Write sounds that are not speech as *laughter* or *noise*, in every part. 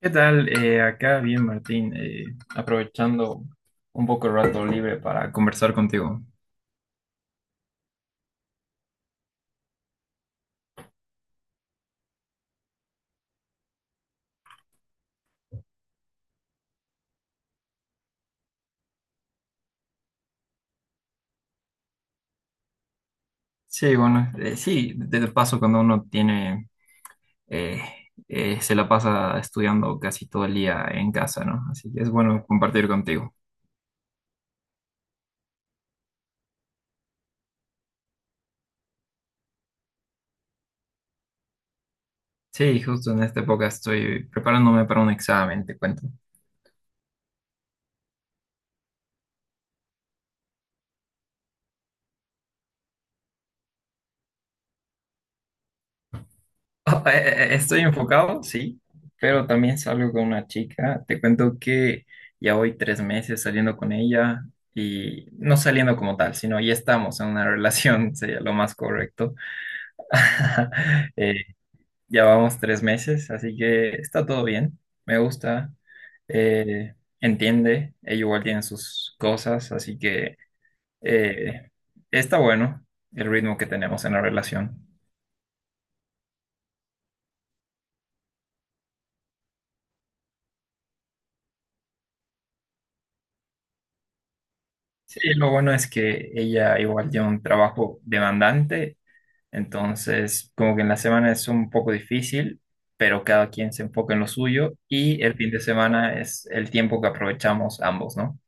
¿Qué tal? Acá bien, Martín, aprovechando un poco el rato libre para conversar contigo. Sí, bueno, sí, de paso cuando uno tiene, eh, se la pasa estudiando casi todo el día en casa, ¿no? Así que es bueno compartir contigo. Sí, justo en esta época estoy preparándome para un examen, te cuento. *laughs* Ah, estoy enfocado, sí, pero también salgo con una chica. Te cuento que ya voy 3 meses saliendo con ella y no saliendo como tal, sino ya estamos en una relación, *laughs* sería lo más correcto. *laughs* Eh, ya vamos 3 meses, así que está todo bien, me gusta, eh, entiende, ella igual tiene sus cosas, así que eh, está bueno el ritmo que tenemos en la relación. Sí, lo bueno es que ella igual tiene un trabajo demandante, entonces como que en la semana es un poco difícil, pero cada quien se enfoca en lo suyo y el fin de semana es el tiempo que aprovechamos ambos, ¿no?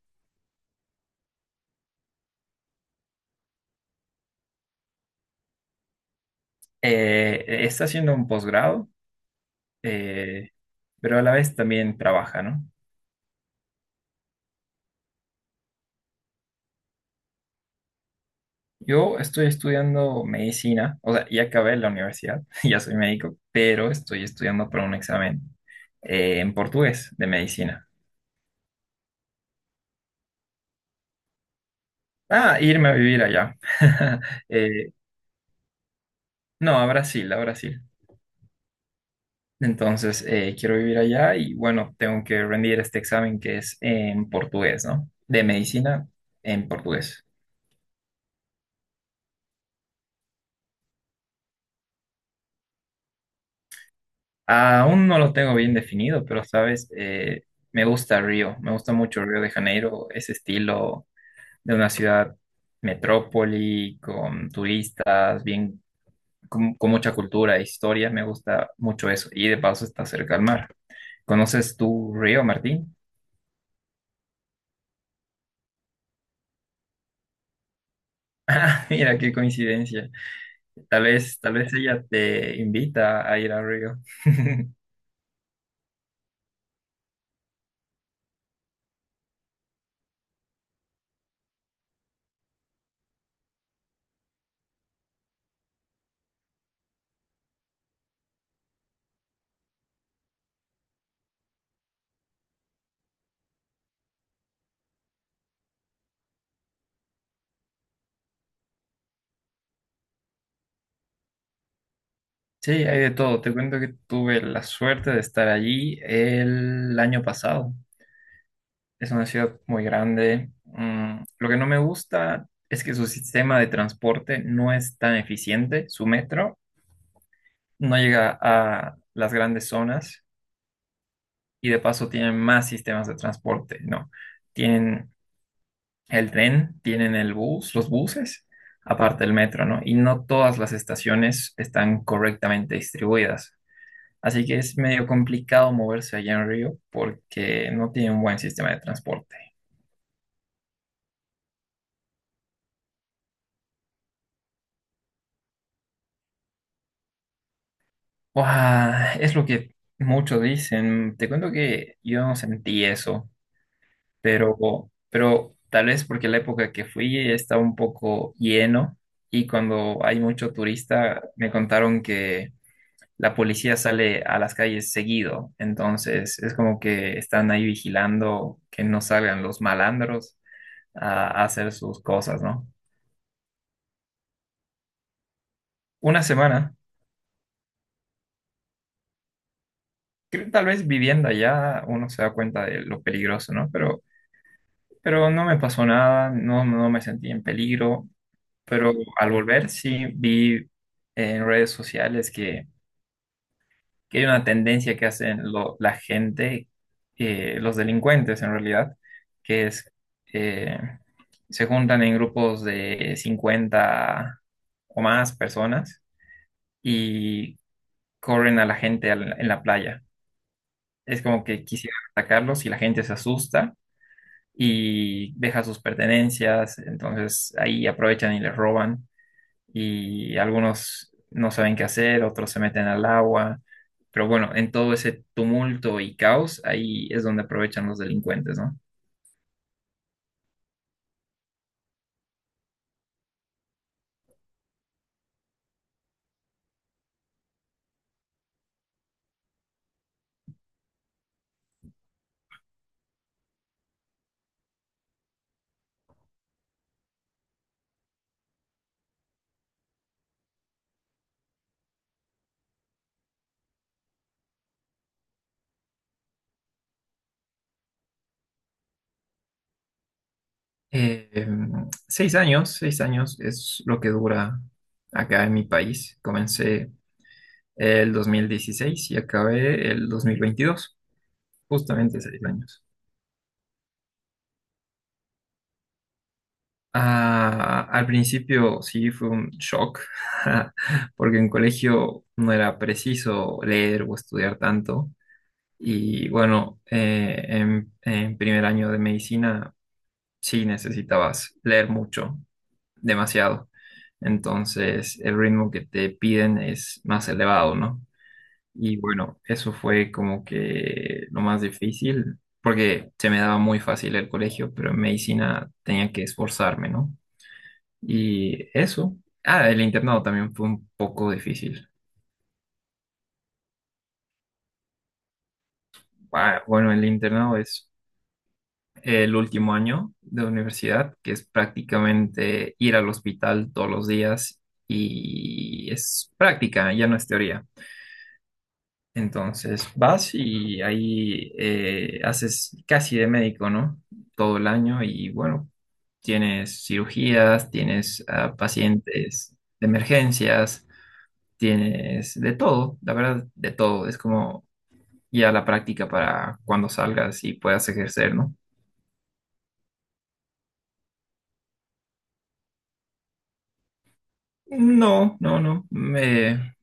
Está haciendo un posgrado, eh, pero a la vez también trabaja, ¿no? Yo estoy estudiando medicina, o sea, ya acabé la universidad, *laughs* ya soy médico, pero estoy estudiando para un examen en portugués de medicina. Ah, irme a vivir allá. *laughs* Eh, no, a Brasil, a Brasil. Entonces, quiero vivir allá y bueno, tengo que rendir este examen que es en portugués, ¿no? De medicina en portugués. Aún no lo tengo bien definido, pero sabes, me gusta Río, me gusta mucho Río de Janeiro, ese estilo de una ciudad metrópoli, con turistas, bien, con mucha cultura e historia, me gusta mucho eso. Y de paso está cerca al mar. ¿Conoces tú Río, Martín? *laughs* Mira qué coincidencia. Tal vez ella te invita a ir a Río. *laughs* Sí, hay de todo. Te cuento que tuve la suerte de estar allí el año pasado. Es una ciudad muy grande. Mm, lo que no me gusta es que su sistema de transporte no es tan eficiente. Su metro no llega a las grandes zonas y de paso tienen más sistemas de transporte, ¿no? Tienen el tren, tienen el bus, los buses, aparte del metro, ¿no? Y no todas las estaciones están correctamente distribuidas. Así que es medio complicado moverse allá en Río porque no tiene un buen sistema de transporte. Buah, es lo que muchos dicen. Te cuento que yo no sentí eso, pero, pero tal vez porque la época que fui estaba un poco lleno y cuando hay mucho turista me contaron que la policía sale a las calles seguido, entonces es como que están ahí vigilando que no salgan los malandros a hacer sus cosas, ¿no? Una semana, creo tal vez viviendo allá uno se da cuenta de lo peligroso, ¿no? Pero no me pasó nada, no, no me sentí en peligro, pero al volver sí vi en redes sociales que hay una tendencia que hacen la gente, los delincuentes en realidad, que es, eh, se juntan en grupos de 50 o más personas y corren a la gente en la playa. Es como que quisieran atacarlos y la gente se asusta y deja sus pertenencias, entonces ahí aprovechan y les roban y algunos no saben qué hacer, otros se meten al agua. Pero bueno, en todo ese tumulto y caos, ahí es donde aprovechan los delincuentes, ¿no? Eh, 6 años, 6 años es lo que dura acá en mi país. Comencé el 2016 y acabé el 2022 justamente 6 años. Ah, al principio sí fue un shock, *laughs* porque en colegio no era preciso leer o estudiar tanto. Y bueno, en primer año de medicina sí necesitabas leer mucho, demasiado. Entonces el ritmo que te piden es más elevado, ¿no? Y bueno, eso fue como que lo más difícil, porque se me daba muy fácil el colegio, pero en medicina tenía que esforzarme, ¿no? Y eso. Ah, el internado también fue un poco difícil. Ah, bueno, el internado es el último año de universidad, que es prácticamente ir al hospital todos los días y es práctica, ya no es teoría. Entonces vas y ahí haces casi de médico, ¿no? Todo el año y bueno, tienes cirugías, tienes pacientes de emergencias, tienes de todo, la verdad, de todo. Es como ya la práctica para cuando salgas y puedas ejercer, ¿no? No, no, no.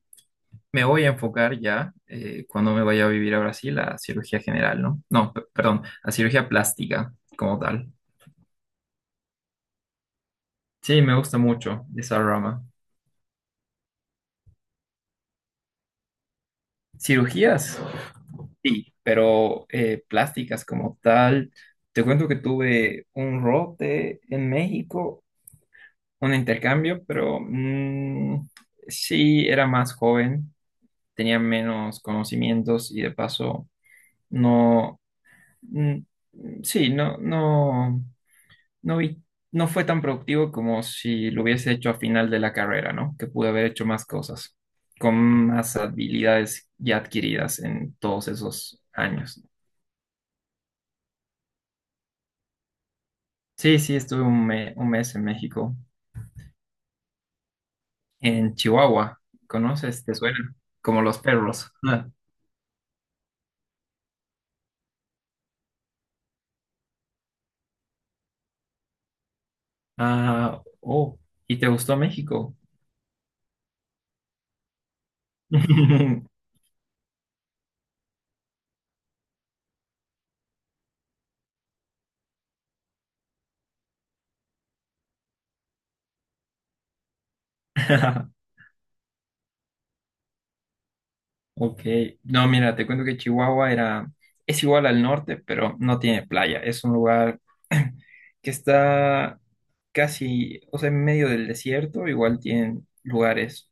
Me voy a enfocar ya cuando me vaya a vivir a Brasil a cirugía general, ¿no? No, perdón, a cirugía plástica como tal. Sí, me gusta mucho esa rama. Cirugías, sí, pero plásticas como tal. Te cuento que tuve un rote en México, un intercambio, pero sí, era más joven, tenía menos conocimientos y de paso no, mm, sí, no, no. No vi, no fue tan productivo como si lo hubiese hecho a final de la carrera, ¿no? Que pude haber hecho más cosas, con más habilidades ya adquiridas en todos esos años. Sí, sí, estuve un mes en México, en Chihuahua. ¿Conoces? ¿Te suena? Como los perros. *laughs* Ah, ah, oh, ¿y te gustó México? *laughs* Ok, no, mira, te cuento que Chihuahua era, es igual al norte, pero no tiene playa. Es un lugar *clears throat* que está casi, o sea, en medio del desierto, igual tienen lugares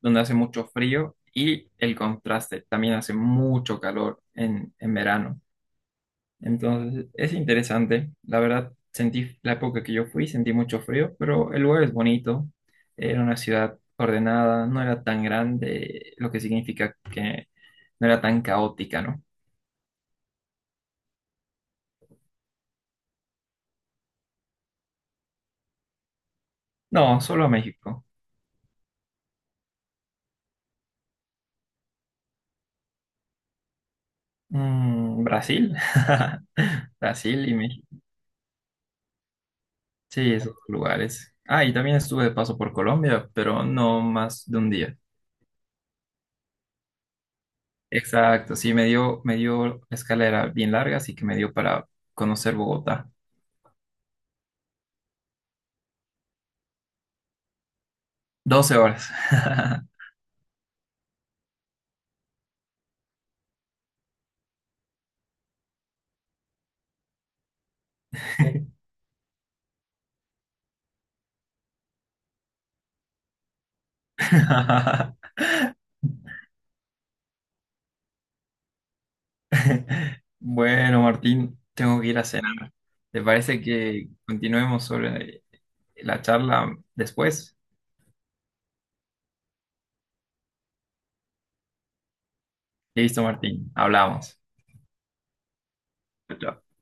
donde hace mucho frío y el contraste, también hace mucho calor en verano. Entonces, es interesante. La verdad, sentí la época que yo fui, sentí mucho frío, pero el lugar es bonito. Era una ciudad ordenada, no era tan grande, lo que significa que no era tan caótica, ¿no? No, solo México. Mm, Brasil. *laughs* Brasil y México. Sí, esos lugares. Ah, y también estuve de paso por Colombia, pero no más de un día. Exacto, sí, me dio escalera bien larga, así que me dio para conocer Bogotá. 12 horas. *laughs* Bueno, Martín, tengo que ir a cenar. ¿Te parece que continuemos sobre la charla después? Listo, Martín, hablamos. Chao.